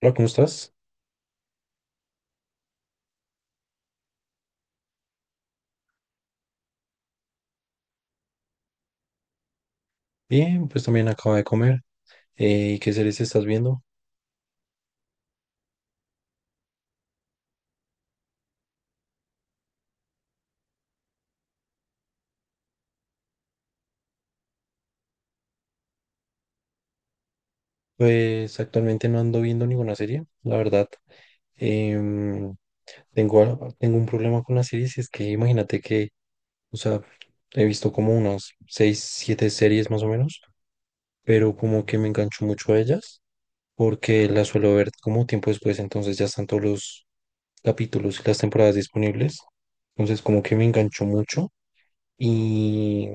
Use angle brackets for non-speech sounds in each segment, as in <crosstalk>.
Hola, ¿cómo estás? Bien, pues también acabo de comer. ¿Y qué series estás viendo? Pues actualmente no ando viendo ninguna serie, la verdad. Em, tengo, tengo un problema con las series, y es que imagínate que, o sea, he visto como unas seis, siete series más o menos, pero como que me engancho mucho a ellas, porque las suelo ver como tiempo después, entonces ya están todos los capítulos y las temporadas disponibles. Entonces como que me engancho mucho y,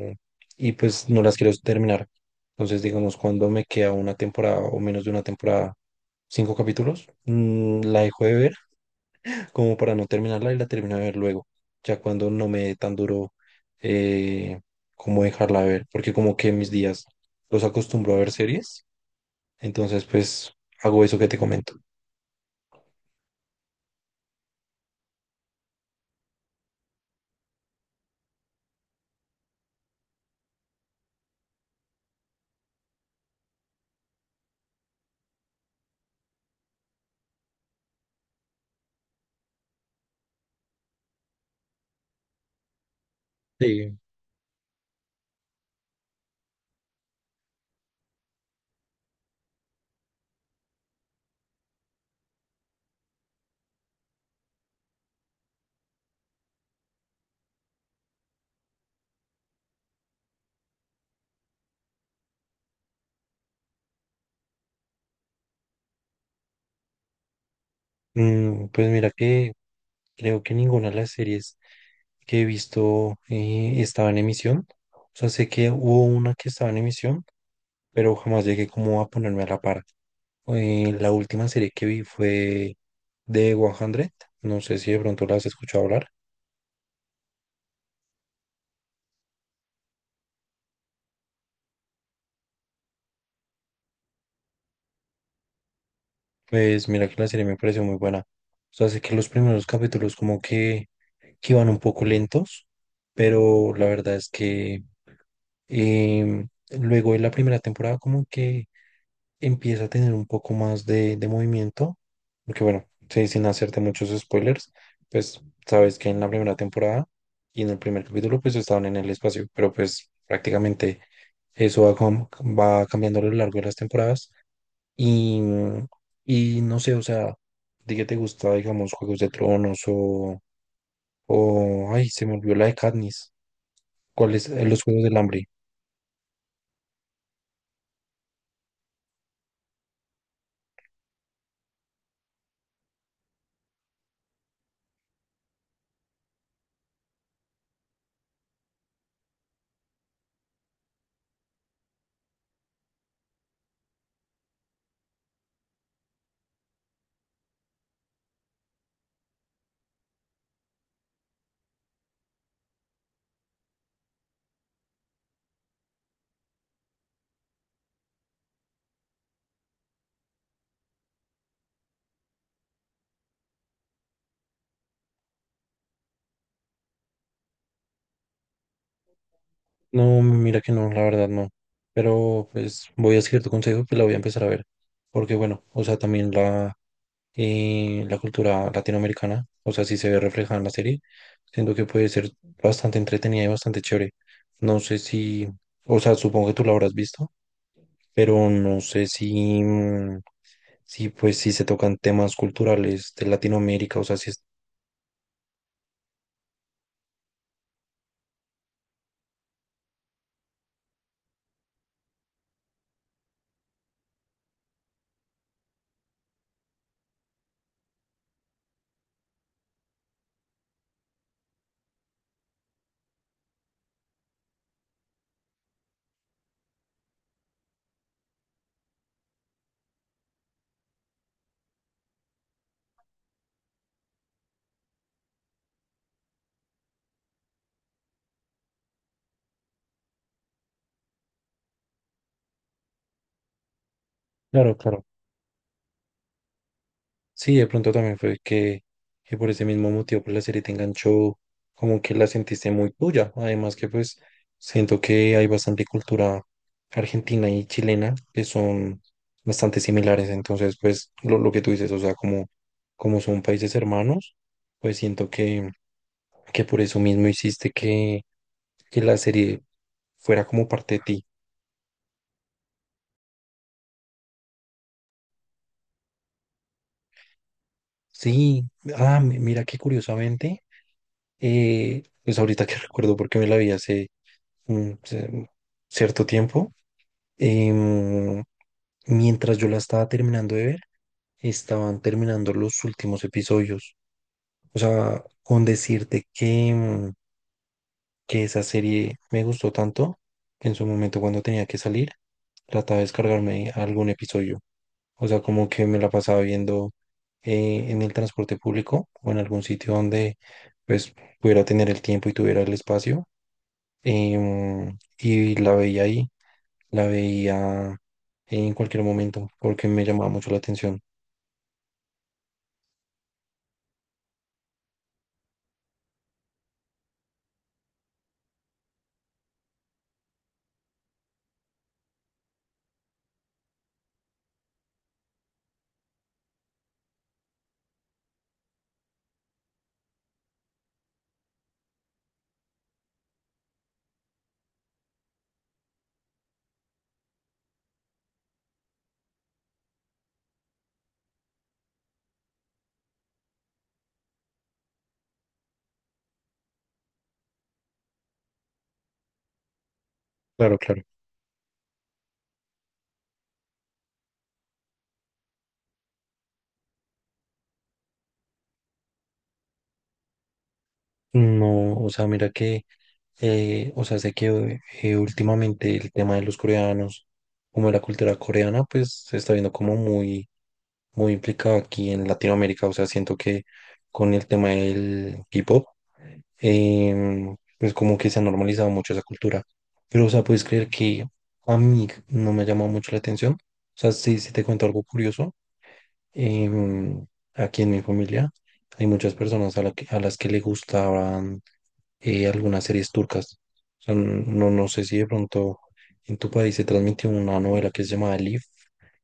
y pues no las quiero terminar. Entonces, digamos, cuando me queda una temporada o menos de una temporada, cinco capítulos, la dejo de ver <laughs> como para no terminarla y la termino de ver luego, ya cuando no me dé tan duro eh, como dejarla de ver, porque como que mis días los acostumbro a ver series, entonces pues hago eso que te comento. Sí. Pues mira que creo que ninguna de las series que he visto estaba en emisión. O sea, sé que hubo una que estaba en emisión, pero jamás llegué como a ponerme a la par. La última serie que vi fue de 100. No sé si de pronto la has escuchado hablar. Pues mira que la serie me pareció muy buena. O sea, sé que los primeros capítulos como que iban un poco lentos, pero la verdad es que em, luego de la primera temporada como que empieza a tener un poco más de movimiento, porque bueno, sí, sin hacerte muchos spoilers, pues sabes que en la primera temporada y en el primer capítulo pues estaban en el espacio, pero pues prácticamente eso va, va cambiando a lo largo de las temporadas y, y no sé, o sea, ¿de qué te gusta, digamos, Juegos de Tronos ay, se me olvidó la de Katniss? ¿Cuál es? Los Juegos del Hambre. No, mira que no, la verdad no. Pero pues voy a seguir tu consejo que la voy a empezar a ver. Porque bueno, o sea, también la cultura latinoamericana, o sea, si se ve reflejada en la serie, siento que puede ser bastante entretenida y bastante chévere. No sé si, o sea, supongo que tú la habrás visto, pero no sé si, si pues si se tocan temas culturales de Latinoamérica, o sea, si es... Claro, claro. Sí, de pronto también fue que por ese mismo motivo, pues la serie te enganchó, como que la sentiste muy tuya. Además que pues siento que hay bastante cultura argentina y chilena que son bastante similares. Entonces, pues lo que tú dices, o sea, como son países hermanos, pues siento que por eso mismo hiciste que la serie fuera como parte de ti. Sí, ah, mira que curiosamente, pues ahorita que <laughs> recuerdo porque me la vi hace mm, ce- cierto tiempo. Em, mientras yo la estaba terminando de ver, estaban terminando los últimos episodios. O sea, con decirte que, que esa serie me gustó tanto, que en su momento cuando tenía que salir, trataba de descargarme algún episodio. O sea, como que me la pasaba viendo en el transporte público o en algún sitio donde pues pudiera tener el tiempo y tuviera el espacio y la veía ahí, la veía en cualquier momento porque me llamaba mucho la atención. Claro, claro. No, o sea, mira que, o sea, sé que últimamente el tema de los coreanos, como de la cultura coreana, pues se está viendo como muy, muy implicado aquí en Latinoamérica. O sea, siento que con el tema del K-pop, pues como que se ha normalizado mucho esa cultura. Pero, o sea, puedes creer que a mí no me ha llamado mucho la atención. O sea, sí, sí te cuento algo curioso. em, aquí en mi familia hay muchas personas a las que le gustaban algunas series turcas. O sea, no, no sé si de pronto en tu país se transmitió una novela que se llamaba Elif,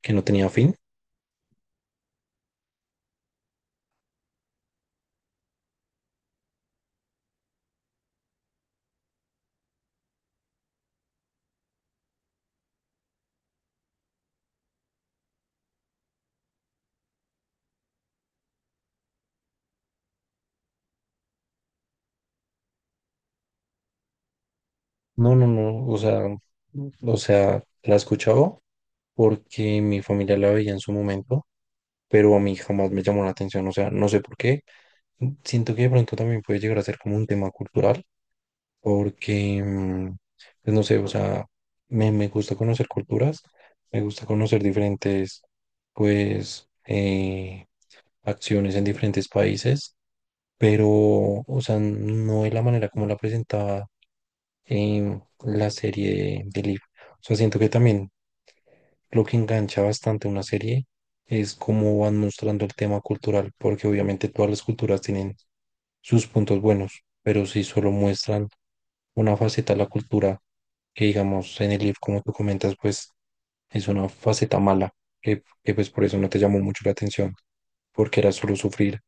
que no tenía fin. No, o sea, la escuchaba porque mi familia la veía en su momento pero a mí jamás me llamó la atención, o sea, no sé por qué. Siento que de pronto también puede llegar a ser como un tema cultural, porque, pues no sé, o sea, me gusta conocer culturas, me gusta conocer diferentes, pues, acciones en diferentes países, pero, o sea, no de la manera como la presentaba en la serie de Leaf. O sea, siento que también lo que engancha bastante una serie es cómo van mostrando el tema cultural, porque obviamente todas las culturas tienen sus puntos buenos, pero si solo muestran una faceta de la cultura, que digamos en el libro, como tú comentas, pues es una faceta mala, que pues por eso no te llamó mucho la atención porque era solo sufrir.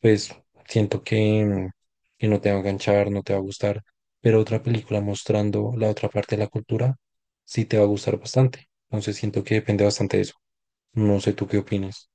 Pues siento que, que no te va a enganchar, no te va a gustar, pero otra película mostrando la otra parte de la cultura sí te va a gustar bastante. Entonces siento que depende bastante de eso. No sé tú qué opinas.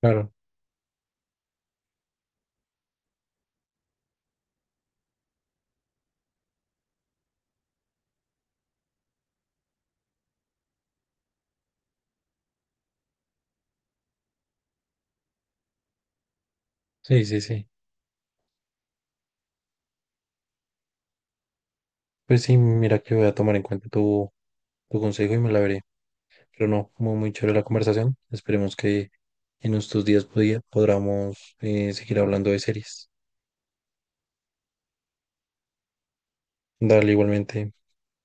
Claro, sí, sí, sí. Pues sí, mira que voy a tomar en cuenta tu consejo y me la veré. Pero no, muy, muy chévere la conversación. Esperemos que en estos días podamos seguir hablando de series. Dale igualmente.